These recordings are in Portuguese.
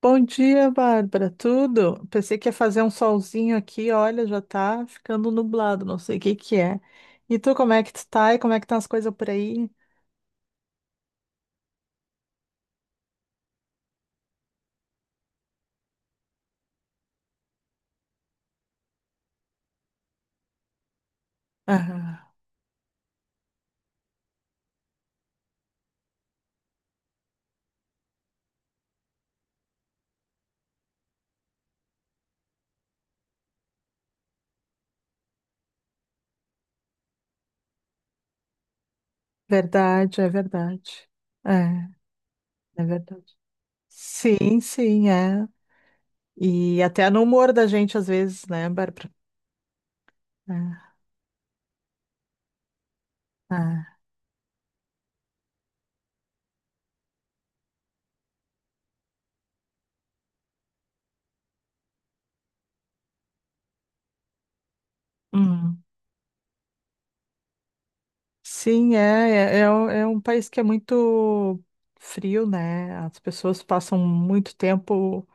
Bom dia, Bárbara. Tudo? Pensei que ia fazer um solzinho aqui, olha, já tá ficando nublado, não sei o que que é. E tu, como é que tu tá? E como é que estão as coisas por aí? Ah, verdade. É, é verdade. Sim, sim, é. E até no humor da gente, às vezes, né, Bárbara? É, é. Hum. Sim, é, é um país que é muito frio, né? As pessoas passam muito tempo.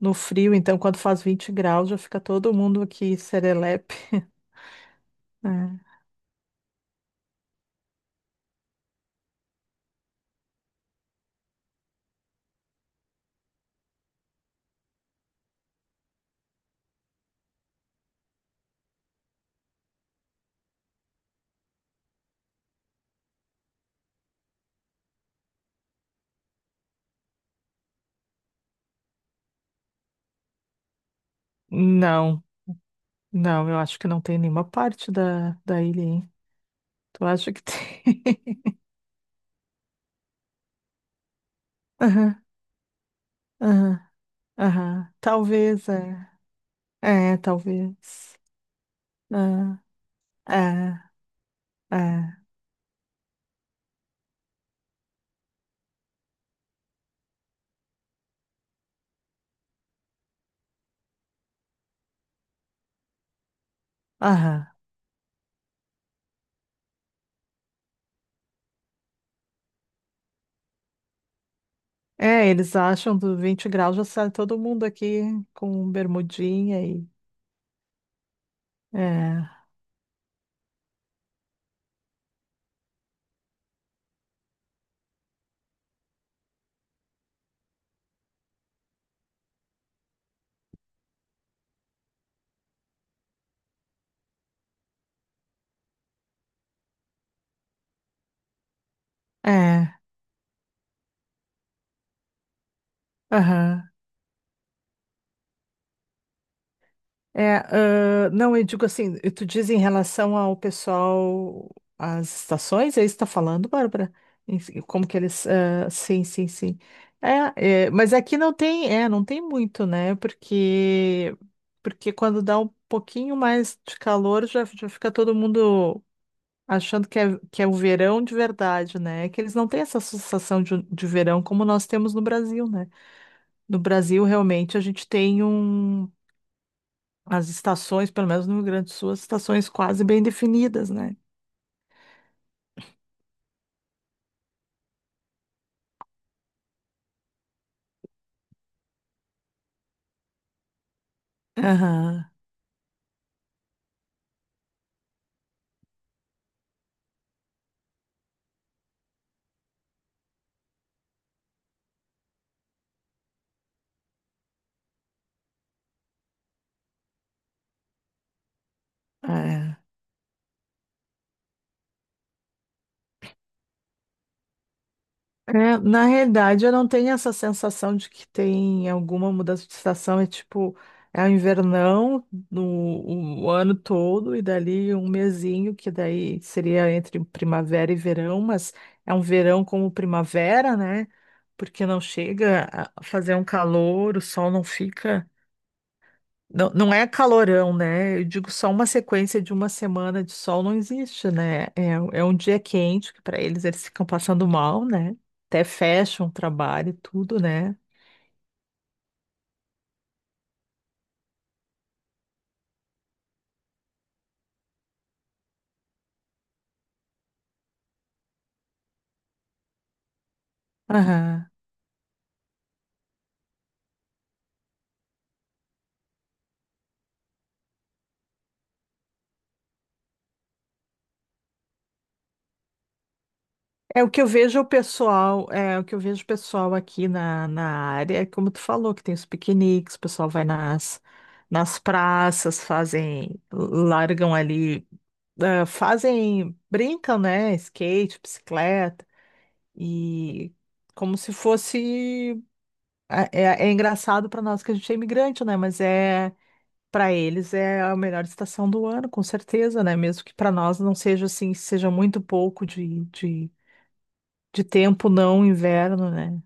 no frio, então quando faz 20 graus já fica todo mundo aqui serelepe. É. Não, não, eu acho que não tem nenhuma parte da ilha, hein? Tu acha que tem? Aham, aham, aham. Talvez, é. É, talvez. É, é, é. Aham. É, eles acham do 20 graus já sai todo mundo aqui com bermudinha e. É, é, aham. É, ah, não, eu digo assim, tu diz em relação ao pessoal, às estações, é isso que tá falando, Bárbara? Si, como que eles, ah, sim, sim, sim. É, é, mas aqui não tem, é, não tem muito, né? Porque quando dá um pouquinho mais de calor, já fica todo mundo achando que é o verão de verdade, né? É que eles não têm essa sensação de verão como nós temos no Brasil, né? No Brasil, realmente, a gente tem as estações, pelo menos no Rio Grande do Sul, as estações quase bem definidas, né? Aham, é. É, na realidade, eu não tenho essa sensação de que tem alguma mudança de estação. É tipo, é o invernão no, o ano todo, e dali um mesinho, que daí seria entre primavera e verão, mas é um verão como primavera, né? Porque não chega a fazer um calor, o sol não fica. Não, não é calorão, né? Eu digo só uma sequência de uma semana de sol não existe, né? É, é um dia quente que para eles ficam passando mal, né? Até fecham o trabalho e tudo, né? Aham. É o que eu vejo o pessoal, é o que eu vejo o pessoal aqui na, área, é como tu falou, que tem os piqueniques, o pessoal vai nas praças, fazem, largam ali, ah, fazem, brincam, né? Skate, bicicleta. E como se fosse. É, é engraçado para nós que a gente é imigrante, né? Mas é. Para eles é a melhor estação do ano, com certeza, né? Mesmo que para nós não seja assim, seja muito pouco de tempo, não inverno, né?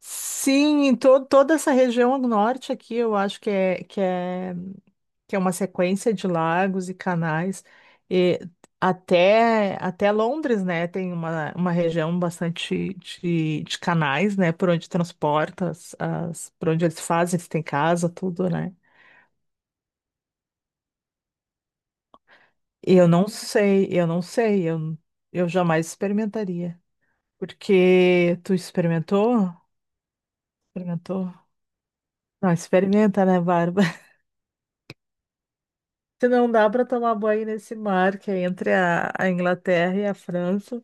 Sim, em to toda essa região do norte aqui, eu acho que é. Que é uma sequência de lagos e canais, e até Londres, né, tem uma região bastante de canais, né, por onde transporta, por onde eles fazem, se tem casa, tudo, né. E eu não sei, eu jamais experimentaria, porque tu experimentou? Experimentou? Não, experimenta, né, Bárbara? Se não dá para tomar banho nesse mar que é entre a Inglaterra e a França,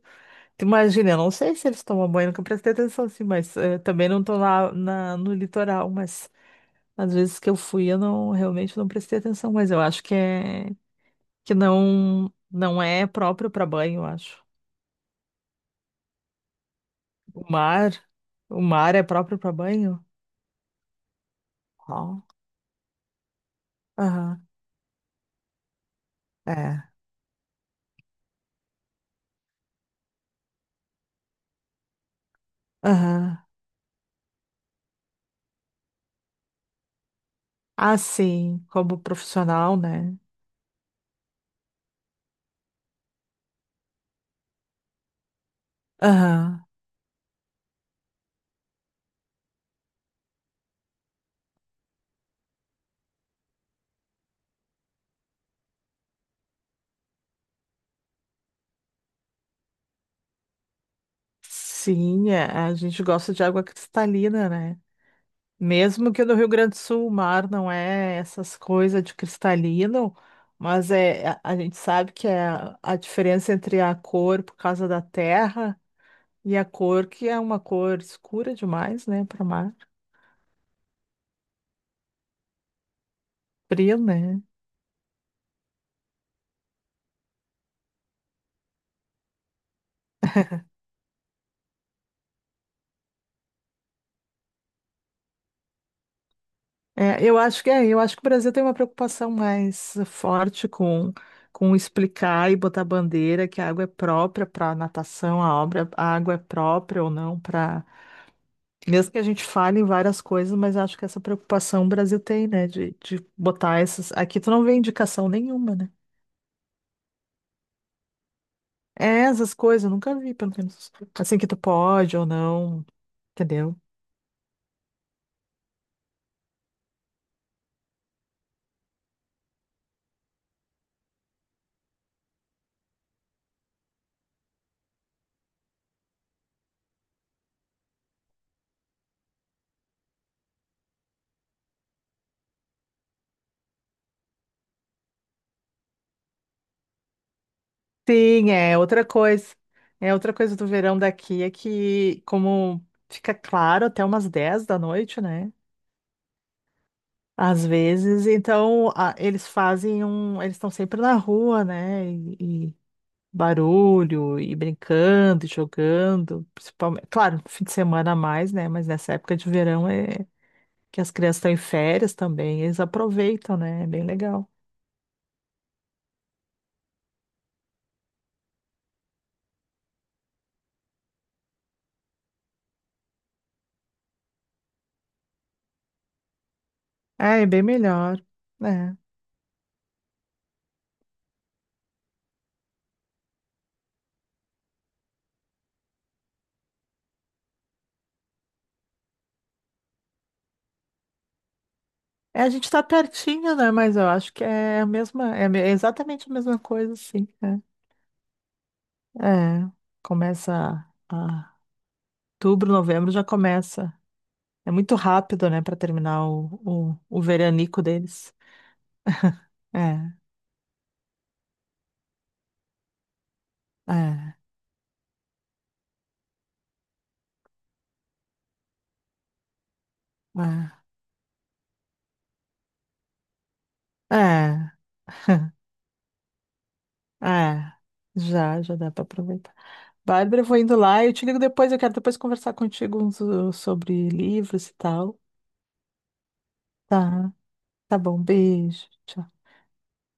imagina, eu não sei se eles tomam banho, nunca prestei atenção assim, mas também não tô lá no litoral, mas às vezes que eu fui eu realmente não prestei atenção, mas eu acho que é que não é próprio para banho, eu acho. O mar, o mar é próprio para banho? Ó, aham. É. Aham. Ah, sim, como profissional, né? Aham. Sim, é, a gente gosta de água cristalina, né? Mesmo que no Rio Grande do Sul o mar não é essas coisas de cristalino, mas é, a gente sabe que é a diferença entre a cor por causa da terra e a cor que é uma cor escura demais, né, para mar, frio, né? É, eu acho que o Brasil tem uma preocupação mais forte com explicar e botar bandeira que a água é própria para natação, a obra, a água é própria ou não para. Mesmo que a gente fale em várias coisas, mas acho que essa preocupação o Brasil tem, né? De botar essas. Aqui tu não vê indicação nenhuma, né? É, essas coisas, eu nunca vi, pelo menos. Assim que tu pode ou não, entendeu? Sim, é outra coisa. É outra coisa do verão daqui é que, como fica claro até umas 10 da noite, né? Às vezes, então eles fazem um. Eles estão sempre na rua, né? E, barulho e brincando, e jogando, principalmente, claro, no fim de semana a mais, né? Mas nessa época de verão é que as crianças estão em férias também, eles aproveitam, né? É bem legal. É, é bem melhor, né? É, a gente tá pertinho, né? Mas eu acho que é a mesma, é exatamente a mesma coisa, assim, né? É, começa a, a- outubro, novembro já começa. É muito rápido, né, para terminar o veranico deles. É, é, é. É. É, já dá para aproveitar. Bárbara, eu vou indo lá, eu te ligo depois, eu quero depois conversar contigo sobre livros e tal. Tá, tá bom, beijo. Tchau.